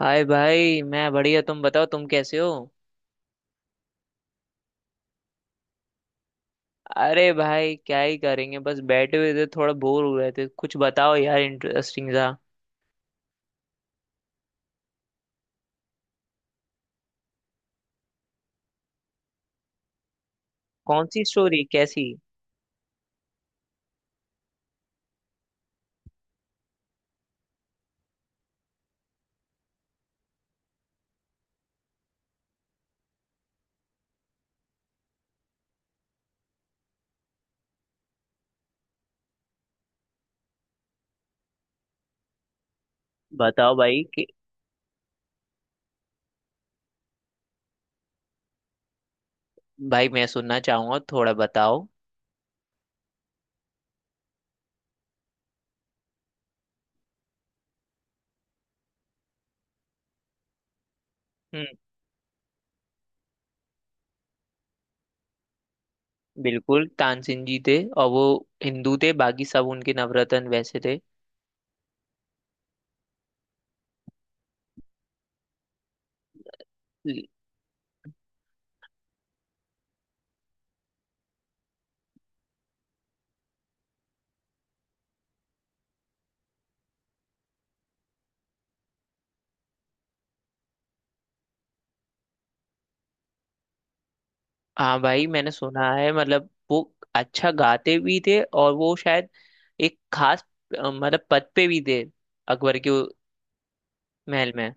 हाय भाई, मैं बढ़िया। तुम बताओ, तुम कैसे हो? अरे भाई, क्या ही करेंगे। बस बैठे हुए थे, थोड़ा बोर हो रहे थे। कुछ बताओ यार, इंटरेस्टिंग सा। कौन सी स्टोरी? कैसी? बताओ भाई कि। भाई मैं सुनना चाहूंगा, थोड़ा बताओ। हम्म। बिल्कुल, तानसेन जी थे। और वो हिंदू थे, बाकी सब उनके नवरत्न वैसे थे। ल- हाँ भाई, मैंने सुना है, मतलब वो अच्छा गाते भी थे। और वो शायद एक खास, मतलब पद पे भी थे। अकबर के महल में।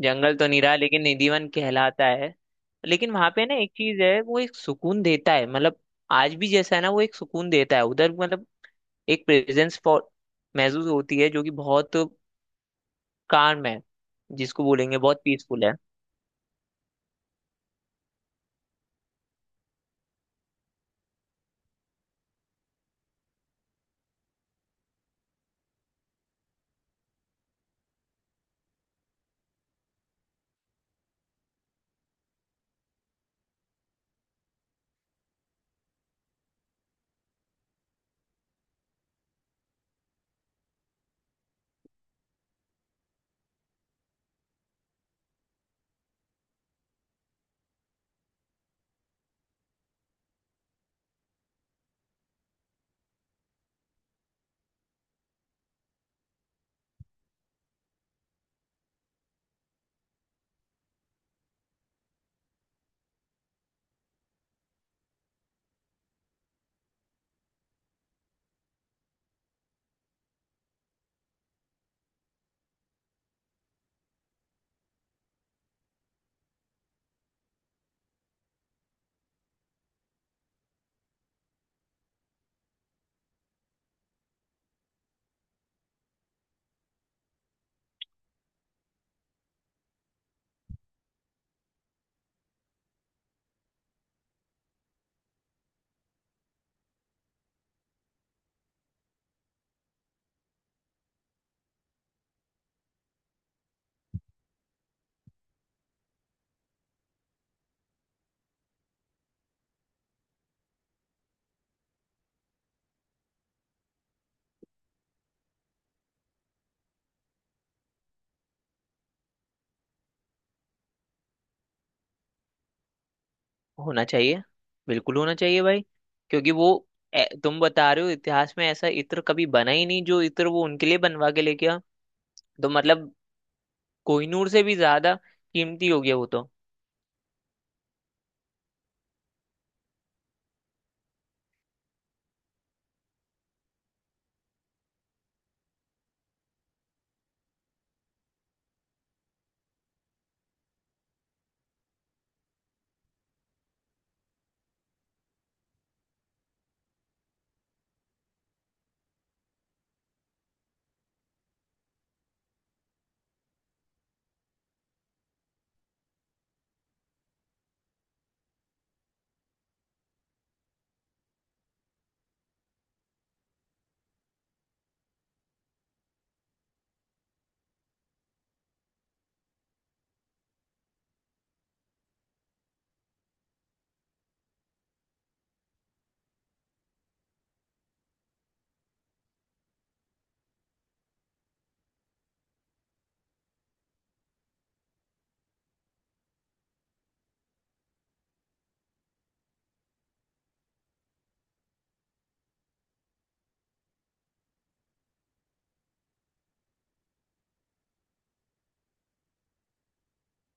जंगल तो नहीं रहा, लेकिन निधि वन कहलाता है। लेकिन वहां पे ना, एक चीज है, वो एक सुकून देता है, मतलब। आज भी जैसा है ना, वो एक सुकून देता है उधर, मतलब। एक प्रेजेंस महसूस होती है, जो कि बहुत काम है। जिसको बोलेंगे बहुत पीसफुल है। होना चाहिए। बिल्कुल होना चाहिए भाई। क्योंकि वो, तुम बता रहे हो इतिहास में ऐसा इत्र कभी बना ही नहीं, जो इत्र वो उनके लिए बनवा के लेके आ। तो मतलब, कोहिनूर से भी ज्यादा कीमती हो गया वो तो।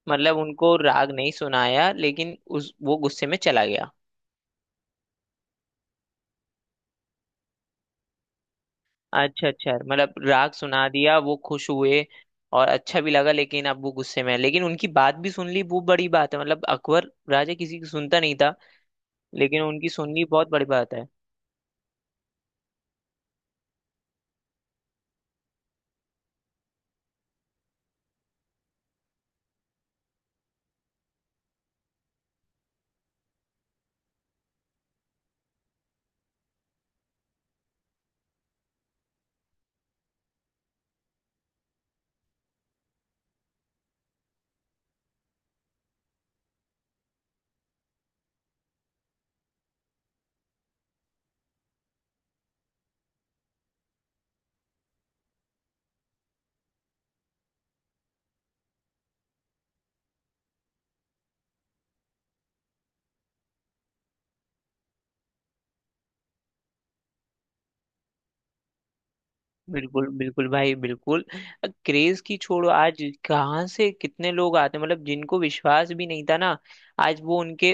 मतलब उनको राग नहीं सुनाया, लेकिन उस वो गुस्से में चला गया। अच्छा अच्छा, मतलब राग सुना दिया, वो खुश हुए। और अच्छा भी लगा, लेकिन अब वो गुस्से में है, लेकिन उनकी बात भी सुन ली, वो बड़ी बात है। मतलब अकबर राजा किसी की सुनता नहीं था। लेकिन उनकी सुन ली, बहुत बड़ी बात है। बिल्कुल बिल्कुल भाई, बिल्कुल। क्रेज की छोड़ो आज। कहाँ से कितने लोग आते हैं, मतलब जिनको विश्वास भी नहीं था ना। आज वो उनके,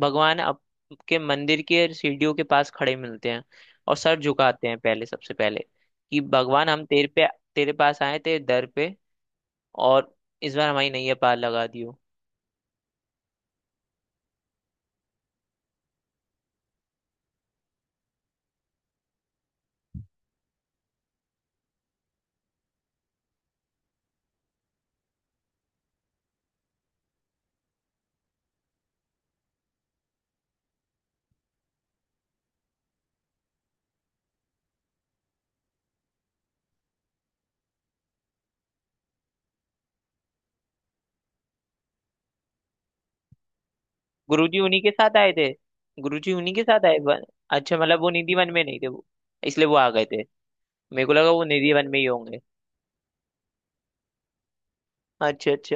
भगवान आपके मंदिर के सीढ़ियों के पास खड़े मिलते हैं। और सर झुकाते हैं पहले, सबसे पहले। कि भगवान, हम तेरे पे तेरे पास आए थे, दर पे। और इस बार हमारी नैया पार लगा दियो। गुरु जी उन्हीं के साथ आए थे। गुरु जी उन्हीं के साथ आए। अच्छा मतलब वो निधि वन में नहीं थे वो। इसलिए वो आ गए थे। मेरे को लगा वो निधि वन में ही होंगे। अच्छा अच्छा।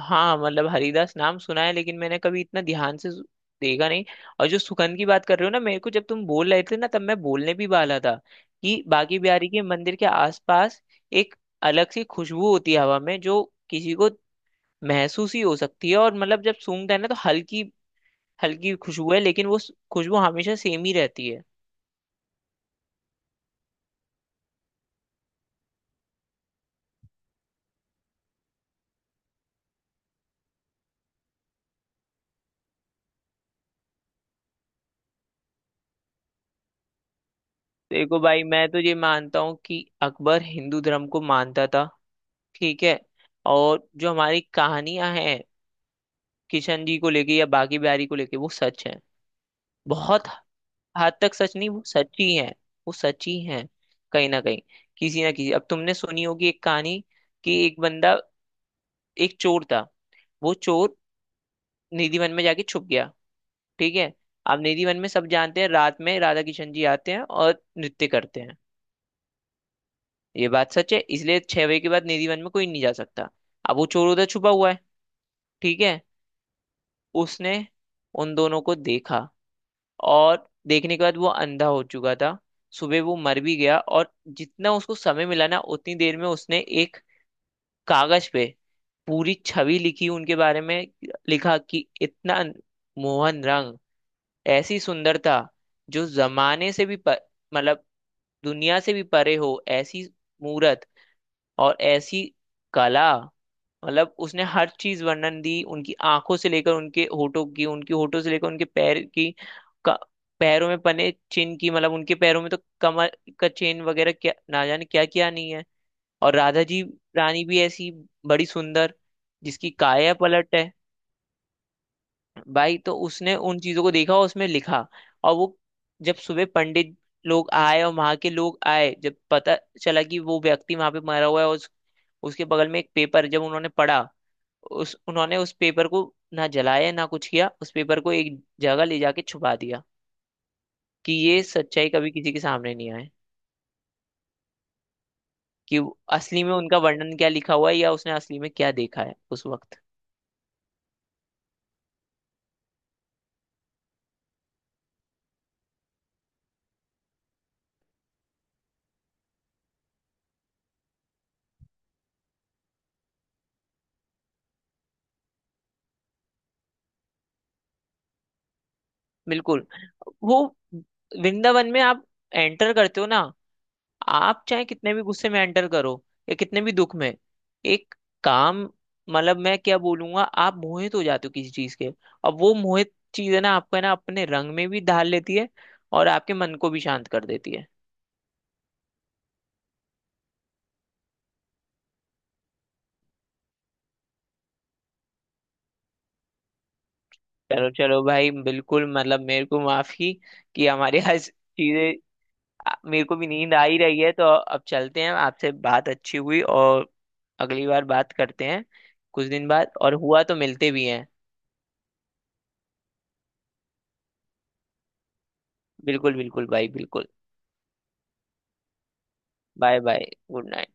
हाँ मतलब हरिदास नाम सुना है, लेकिन मैंने कभी इतना ध्यान से देखा नहीं। और जो सुगंध की बात कर रहे हो ना, मेरे को जब तुम बोल रहे थे ना, तब मैं बोलने भी वाला था। कि बाकी बिहारी के मंदिर के आसपास एक अलग सी खुशबू होती है हवा में, जो किसी को महसूस ही हो सकती है। और मतलब जब सूंघता है ना, तो हल्की हल्की खुशबू है, लेकिन वो खुशबू हमेशा सेम ही रहती है। देखो भाई, मैं तो ये मानता हूँ कि अकबर हिंदू धर्म को मानता था। ठीक है। और जो हमारी कहानियां हैं, किशन जी को लेके या बाकी बिहारी को लेके, वो सच है। बहुत हद तक सच नहीं, वो सच ही है। वो सच ही है। कहीं ना कहीं, किसी ना किसी, अब तुमने सुनी होगी एक कहानी। कि एक बंदा, एक चोर था। वो चोर निधिवन में जाके छुप गया। ठीक है। अब निधिवन में सब जानते हैं, रात में राधा किशन जी आते हैं और नृत्य करते हैं। ये बात सच है, इसलिए 6 बजे के बाद निधिवन में कोई नहीं जा सकता। अब वो चोर उधर छुपा हुआ है। ठीक है। उसने उन दोनों को देखा, और देखने के बाद वो अंधा हो चुका था। सुबह वो मर भी गया, और जितना उसको समय मिला ना, उतनी देर में उसने एक कागज पे पूरी छवि लिखी उनके बारे में। लिखा कि इतना मोहन रंग, ऐसी सुंदरता, जो जमाने से भी मतलब दुनिया से भी परे हो, ऐसी मूरत, और ऐसी कला। मतलब उसने हर चीज वर्णन दी, उनकी आंखों से लेकर उनके होठों की, उनके होठों से लेकर उनके पैर की, का, पैरों में बने चिन्ह की। मतलब उनके पैरों में तो कमर का चेन वगैरह, क्या ना जाने क्या क्या नहीं है। और राधा जी रानी भी ऐसी बड़ी सुंदर, जिसकी काया पलट है। भाई तो उसने उन चीजों को देखा और उसमें लिखा। और वो जब सुबह पंडित लोग आए, और वहां के लोग आए, जब पता चला कि वो व्यक्ति वहां पे मरा हुआ है, और उसके बगल में एक पेपर जब उन्होंने पढ़ा। उस उन्होंने उस पेपर को ना जलाया ना कुछ किया, उस पेपर को एक जगह ले जाके छुपा दिया। कि ये सच्चाई कभी किसी के सामने नहीं आए। कि असली में उनका वर्णन क्या लिखा हुआ है, या उसने असली में क्या देखा है उस वक्त। बिल्कुल। वो, वृंदावन में आप एंटर करते हो ना। आप चाहे कितने भी गुस्से में एंटर करो, या कितने भी दुख में। एक काम, मतलब मैं क्या बोलूंगा, आप मोहित हो जाते हो किसी चीज के। और वो मोहित चीज है ना, आपको है ना, अपने रंग में भी ढाल लेती है। और आपके मन को भी शांत कर देती है। चलो चलो भाई, बिल्कुल। मतलब मेरे को माफी, कि हमारी आज चीजें। मेरे को भी नींद आ ही रही है, तो अब चलते हैं। आपसे बात अच्छी हुई, और अगली बार बात करते हैं कुछ दिन बाद, और हुआ तो मिलते भी हैं। बिल्कुल बिल्कुल भाई, बिल्कुल। Bye bye. Good night.